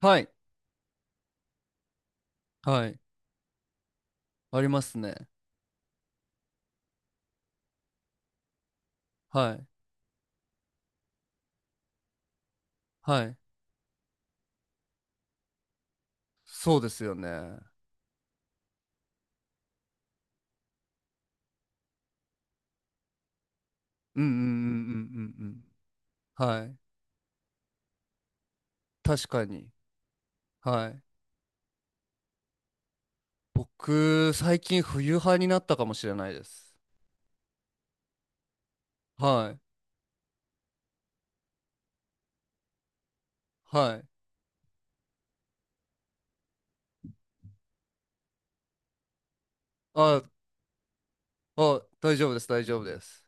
はい。はい。ありますね。はい。はい。そうですよね。うんうんうんうんうんうん。はい。確かに。はい。僕、最近冬派になったかもしれないです。はい。はい。あ、あ、大丈夫です。大丈夫です。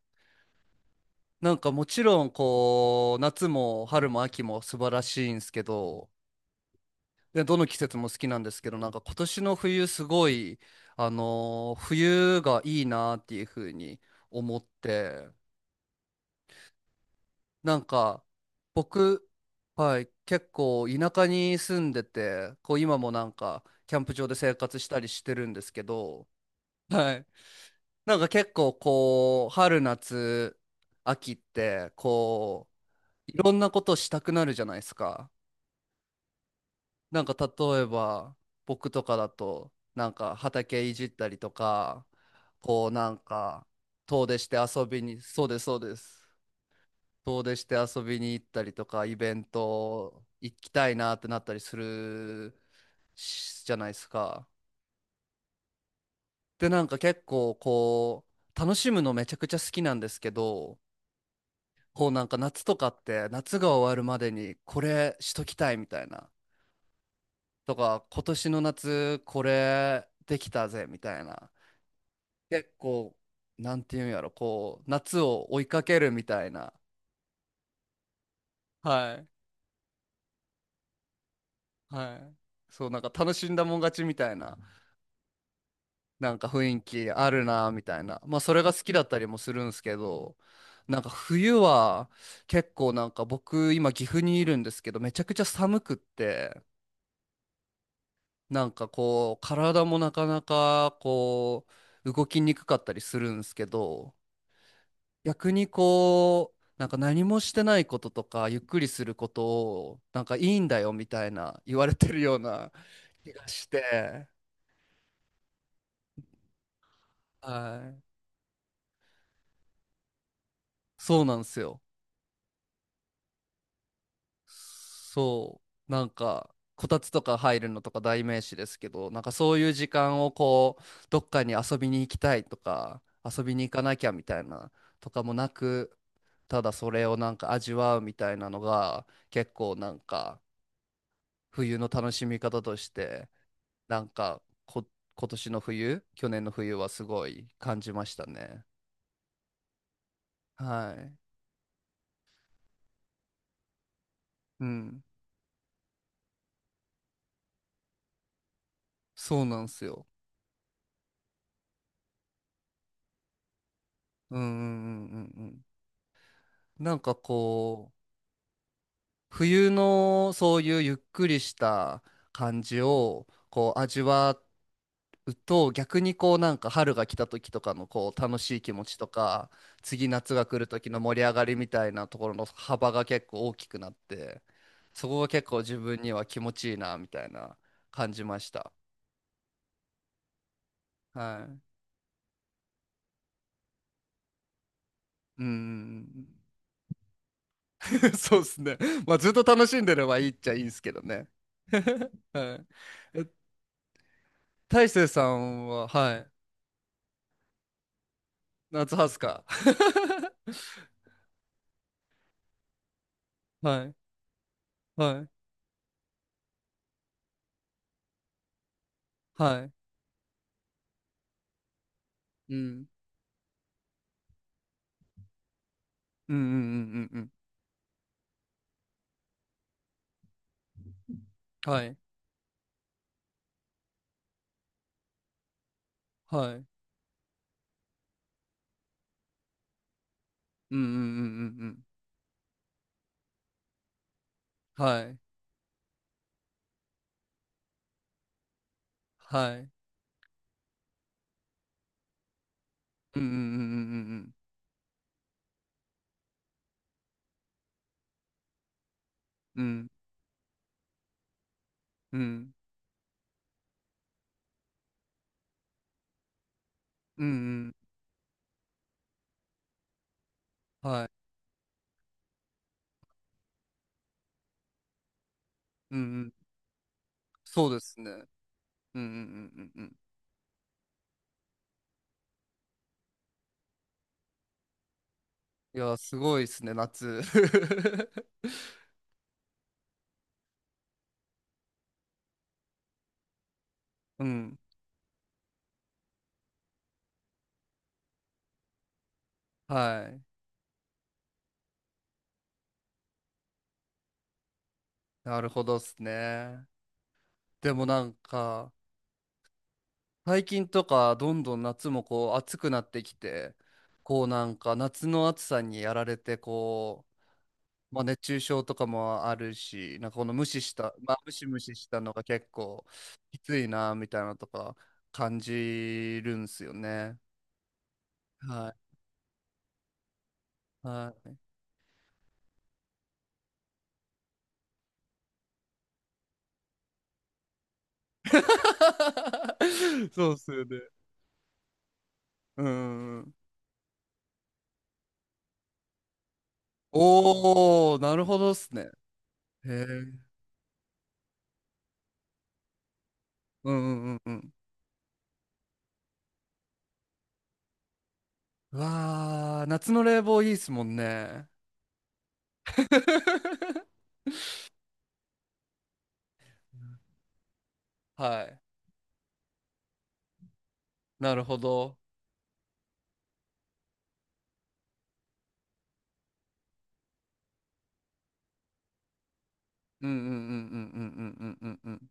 なんかもちろん、こう、夏も春も秋も素晴らしいんですけど、で、どの季節も好きなんですけど、なんか今年の冬すごい、冬がいいなっていう風に思って、なんか、僕、はい、結構田舎に住んでて、こう今もなんか、キャンプ場で生活したりしてるんですけど、はい。なんか結構こう、春夏、秋って、こう、いろんなことしたくなるじゃないですか。なんか例えば、僕とかだと、なんか畑いじったりとか、こうなんか、遠出して遊びに、そうです、そうです。遠出して遊びに行ったりとか、イベント行きたいなってなったりするしじゃないですか。で、なんか結構こう、楽しむのめちゃくちゃ好きなんですけど、こうなんか夏とかって夏が終わるまでにこれしときたいみたいな。とか、今年の夏これできたぜみたいな。結構、なんていうんやろ、こう、夏を追いかけるみたいな。はい。はい。そう、なんか楽しんだもん勝ちみたいな。なんか雰囲気あるなみたいな。まあそれが好きだったりもするんですけど、なんか冬は結構なんか僕今岐阜にいるんですけど、めちゃくちゃ寒くって、なんかこう体もなかなかこう動きにくかったりするんですけど、逆にこう、なんか何もしてないこととかゆっくりすることをなんかいいんだよみたいな言われてるような気がして、はい、そうなんですよ。そう、なんか、こたつとか入るのとか代名詞ですけど、なんかそういう時間をこう、どっかに遊びに行きたいとか、遊びに行かなきゃみたいなとかもなく、ただそれをなんか味わうみたいなのが、結構なんか、冬の楽しみ方として、なんかこ、今年の冬、去年の冬はすごい感じましたね。はい。うん。そうなんですよ。うんうんうんうんうん。なんかこう、冬のそういうゆっくりした感じをこう味わうと逆にこうなんか春が来た時とかのこう楽しい気持ちとか次夏が来る時の盛り上がりみたいなところの幅が結構大きくなってそこが結構自分には気持ちいいなみたいな感じました。はい。うん。そうですね。まあずっと楽しんでればいいっちゃいいんですけどね。はい。え大成さんは、はい。夏ハスか。はい、はい、はい。うん。うんうんうんうんうん。はい、はい。うんうんうんうんうん。はい、はい。うんうんうんうんうんうん。うん、うん、うんうん、はい。うんうん。そうですね。うんうんうんうんうん。いや、すごいですね、夏。うん。はい。なるほどっすね。でもなんか、最近とかどんどん夏もこう暑くなってきてこうなんか夏の暑さにやられてこう、まあ、熱中症とかもあるしなんかこの無視した、まあ、ムシムシしたのが結構きついなみたいなのとか感じるんすよね。はいはい そうっすよね。うんん。おー、なるほどっすね。へえ。うんうんうんうん。うわー、夏の冷房いいっすもんね。はい。なるほど。うんうんうんうんうんうんうんうんうん。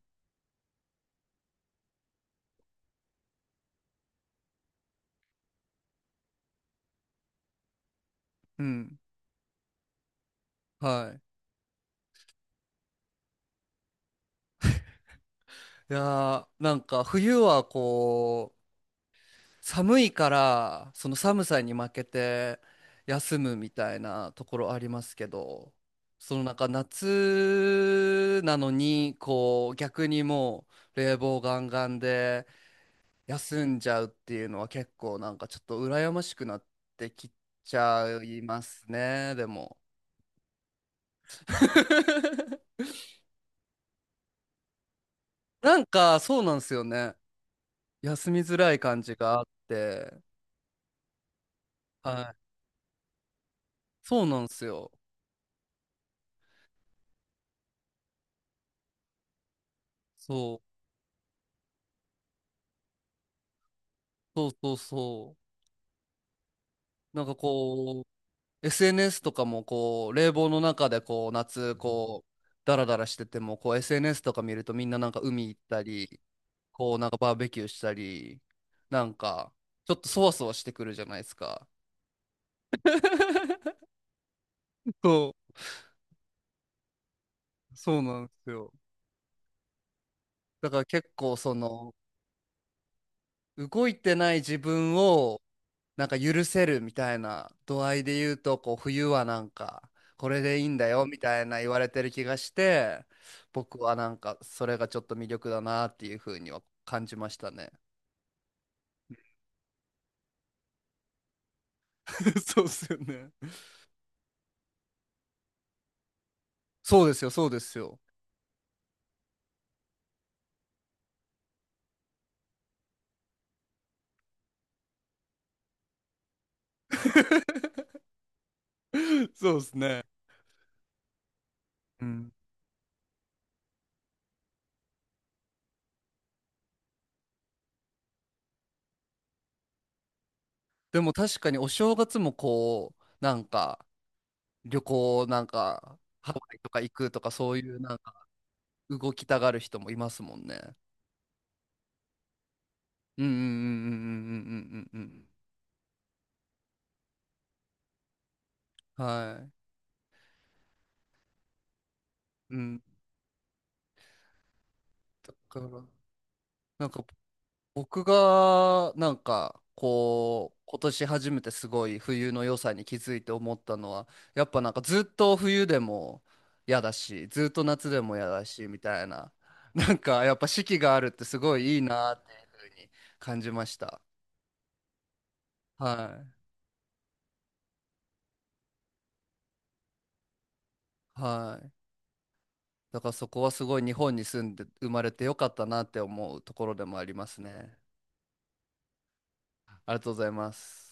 うんはい。いやー、なんか冬はこう、寒いから、その寒さに負けて休むみたいなところありますけど、そのなんか夏なのに、こう、逆にもう冷房ガンガンで休んじゃうっていうのは結構なんかちょっと羨ましくなってきちゃいますね、でも。なんか、そうなんですよね。休みづらい感じがあって。はい。そうなんですよ。そう。そうそうそう。なんかこう、SNS とかもこう、冷房の中でこう、夏、こう、ダラダラしてても、こう、SNS とか見るとみんななんか海行ったり、こう、なんかバーベキューしたり、なんか、ちょっとそわそわしてくるじゃないですか。そう、そうなんですよ。だから結構その動いてない自分をなんか許せるみたいな度合いで言うと、こう冬はなんかこれでいいんだよみたいな言われてる気がして、僕はなんかそれがちょっと魅力だなっていうふうには感じましたね。そうですよね。そうですよ、そうですよ。そうですね。うん。でも確かにお正月もこう、なんか旅行なんかハワイとか行くとかそういうなんか動きたがる人もいますもんね。うんうんうんうんうんうんうんうんうん。はい。うん、だから、なんか僕が、なんかこう、今年初めてすごい冬の良さに気づいて思ったのは、やっぱなんかずっと冬でも嫌だし、ずっと夏でも嫌だし、みたいな、なんかやっぱ四季があるってすごいいいなっていうふうに感じました。はい。はい。だからそこはすごい日本に住んで生まれてよかったなって思うところでもありますね。ありがとうございます。